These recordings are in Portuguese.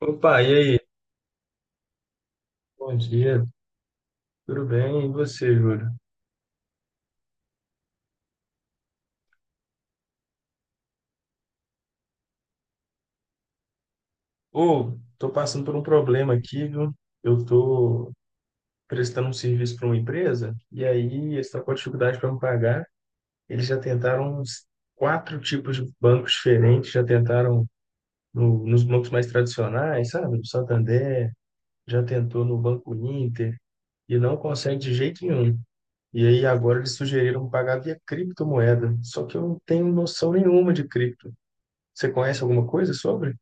Opa, e aí? Bom dia, tudo bem? E você, Júlio? Ô, tô passando por um problema aqui, viu? Eu tô prestando um serviço para uma empresa e aí eles estão com dificuldade para me pagar. Eles já tentaram uns quatro tipos de bancos diferentes, já tentaram nos bancos mais tradicionais, sabe? No Santander, já tentou no Banco Inter e não consegue de jeito nenhum. E aí agora eles sugeriram pagar via criptomoeda, só que eu não tenho noção nenhuma de cripto. Você conhece alguma coisa sobre?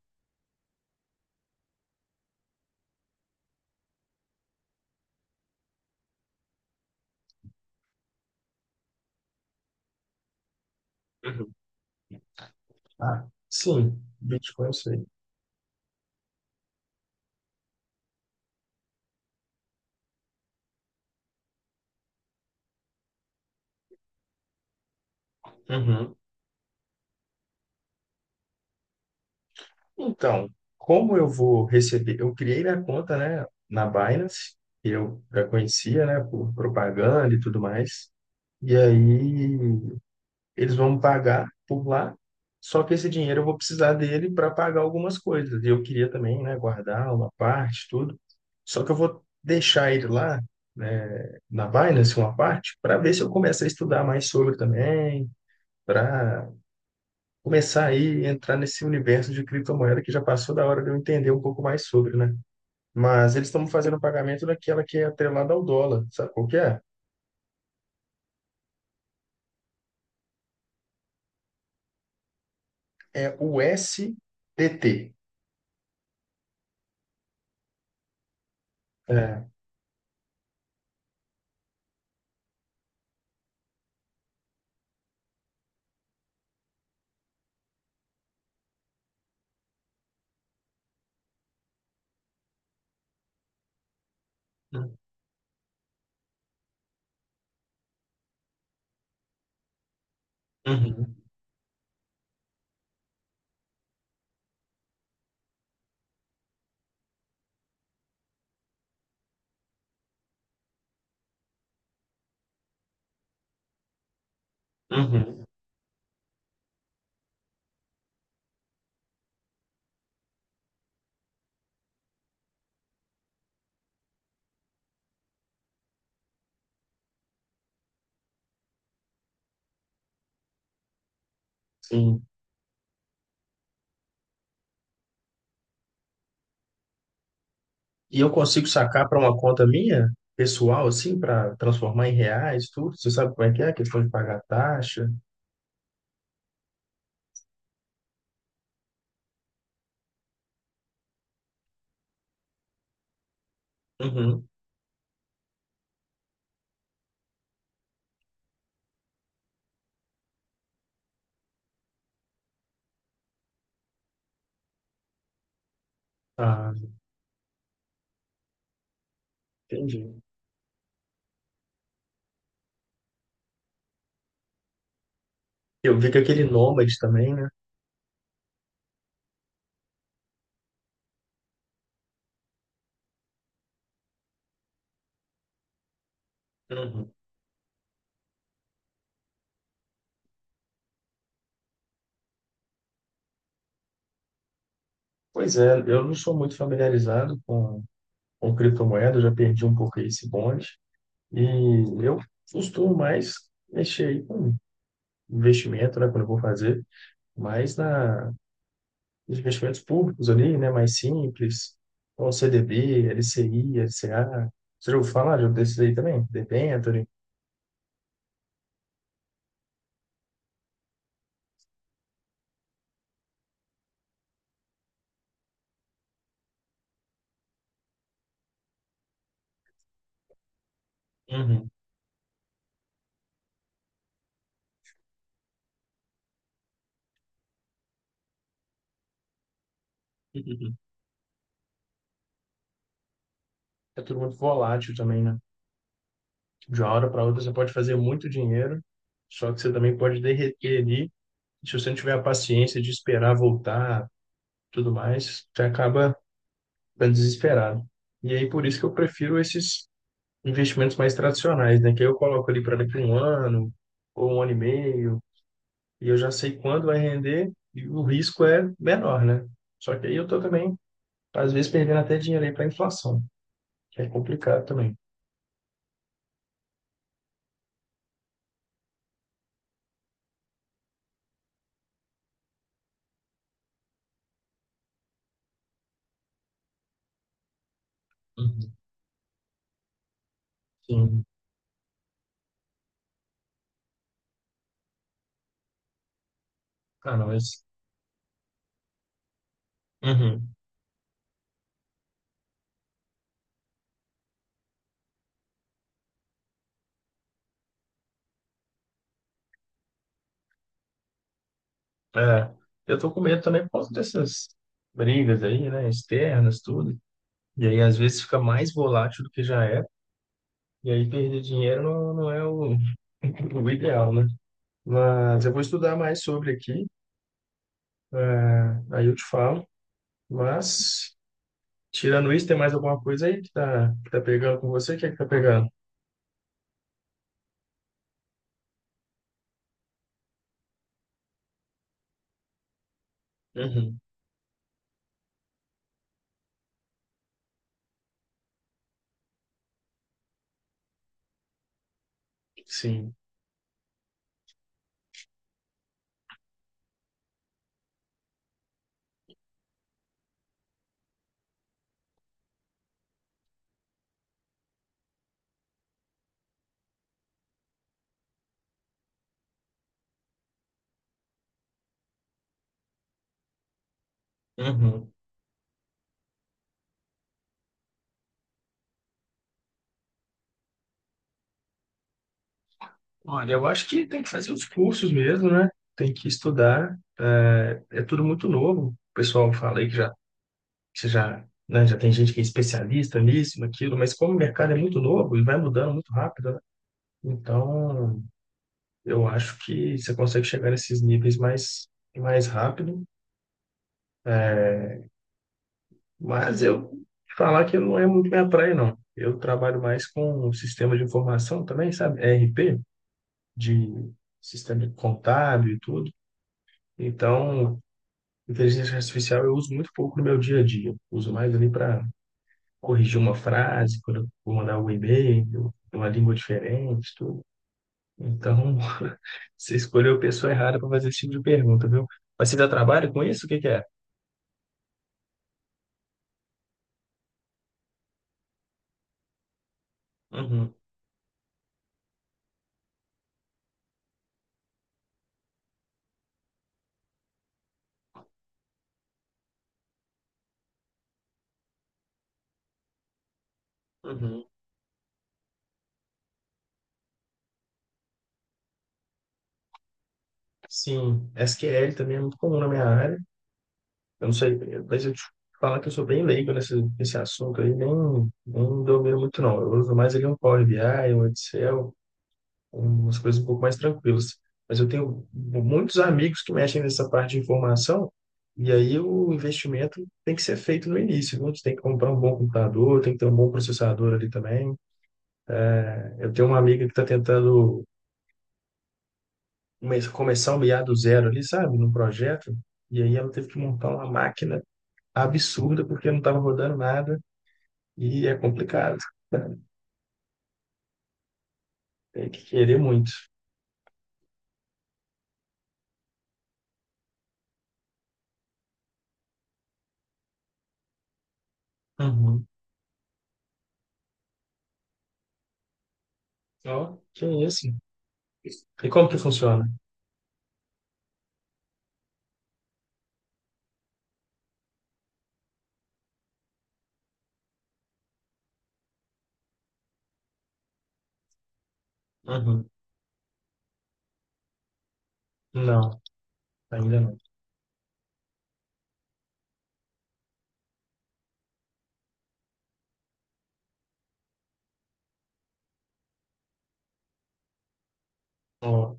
Uhum. Ah, sim, Bitcoin eu sei. Uhum. Então, como eu vou receber? Eu criei minha conta, né, na Binance, que eu já conhecia, né, por propaganda e tudo mais. E aí eles vão me pagar por lá, só que esse dinheiro eu vou precisar dele para pagar algumas coisas. E eu queria também, né, guardar uma parte, tudo. Só que eu vou deixar ele lá, né, na Binance, uma parte, para ver se eu começo a estudar mais sobre também, para começar aí a entrar nesse universo de criptomoeda que já passou da hora de eu entender um pouco mais sobre, né? Mas eles estão fazendo pagamento daquela que é atrelada ao dólar, sabe qual que é? É o SDT. É. Uhum, uhum, sim. E eu consigo sacar para uma conta minha, pessoal, assim, para transformar em reais, tudo? Você sabe como é que é a questão de pagar taxa? Uhum. Ah, entendi. Eu vi que aquele Nomad também, né? Uhum. Pois é, eu não sou muito familiarizado com criptomoeda, eu já perdi um pouco esse bonde. E eu costumo mais mexer aí com investimento, né, quando eu vou fazer, mais na, nos investimentos públicos ali, né, mais simples, como CDB, LCI, LCA. Você já ouviu falar um desses aí também? Debenture. Uhum. Uhum. É tudo muito volátil também, né? De uma hora para outra você pode fazer muito dinheiro, só que você também pode derreter ali. Se você não tiver a paciência de esperar voltar, tudo mais, você acaba para desesperado. E aí por isso que eu prefiro esses investimentos mais tradicionais, né? Que aí eu coloco ali para daqui a um ano ou um ano e meio, e eu já sei quando vai render e o risco é menor, né? Só que aí eu tô também, às vezes, perdendo até dinheiro aí para inflação, que é complicado também. Uhum. Sim. Ah, não, mas... Uhum. É, eu tô com medo também por causa dessas brigas aí, né? Externas, tudo. E aí, às vezes, fica mais volátil do que já era. E aí perder dinheiro não, não é o, o ideal, né? Mas eu vou estudar mais sobre aqui, é, aí eu te falo. Mas, tirando isso, tem mais alguma coisa aí que tá, pegando com você? O que é que tá pegando? Uhum. Sim. Uhum. Olha, eu acho que tem que fazer os cursos mesmo, né? Tem que estudar. É, é tudo muito novo. O pessoal fala aí que já, né, já tem gente que é especialista nisso, naquilo, mas como o mercado é muito novo e vai mudando muito rápido, né? Então, eu acho que você consegue chegar nesses níveis mais rápido, mas eu falar que não é muito minha praia, não. Eu trabalho mais com o sistema de informação também, sabe? ERP, de sistema contábil e tudo. Então, inteligência artificial eu uso muito pouco no meu dia a dia. Uso mais ali para corrigir uma frase, quando eu vou mandar um e-mail, uma língua diferente, tudo. Então, você escolheu a pessoa errada para fazer esse tipo de pergunta, viu? Mas você dá trabalho com isso? O que que é? Uhum. Uhum. Sim, SQL também é muito comum na minha área. Eu não sei, mas eu te falo que eu sou bem leigo nesse assunto aí, nem domino muito não. Eu uso mais ali um Power BI, um Excel, umas coisas um pouco mais tranquilas. Mas eu tenho muitos amigos que mexem nessa parte de informação, e aí o investimento tem que ser feito no início, viu? Você tem que comprar um bom computador, tem que ter um bom processador ali também. Eu tenho uma amiga que está tentando começar o IA do zero ali, sabe, no projeto. E aí ela teve que montar uma máquina absurda porque não estava rodando nada e é complicado. Tem que querer muito. Uhum. Ó, que é isso? E como que funciona? Uhum. Não, ainda não. Ó,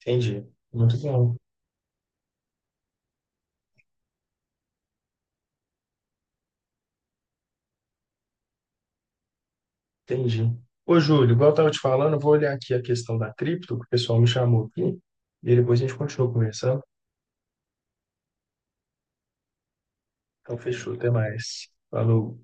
entendi. Muito bom. Entendi. Ô, Júlio, igual eu estava te falando, eu vou olhar aqui a questão da cripto, que o pessoal me chamou aqui, e depois a gente continua conversando. Então, fechou. Até mais. Falou.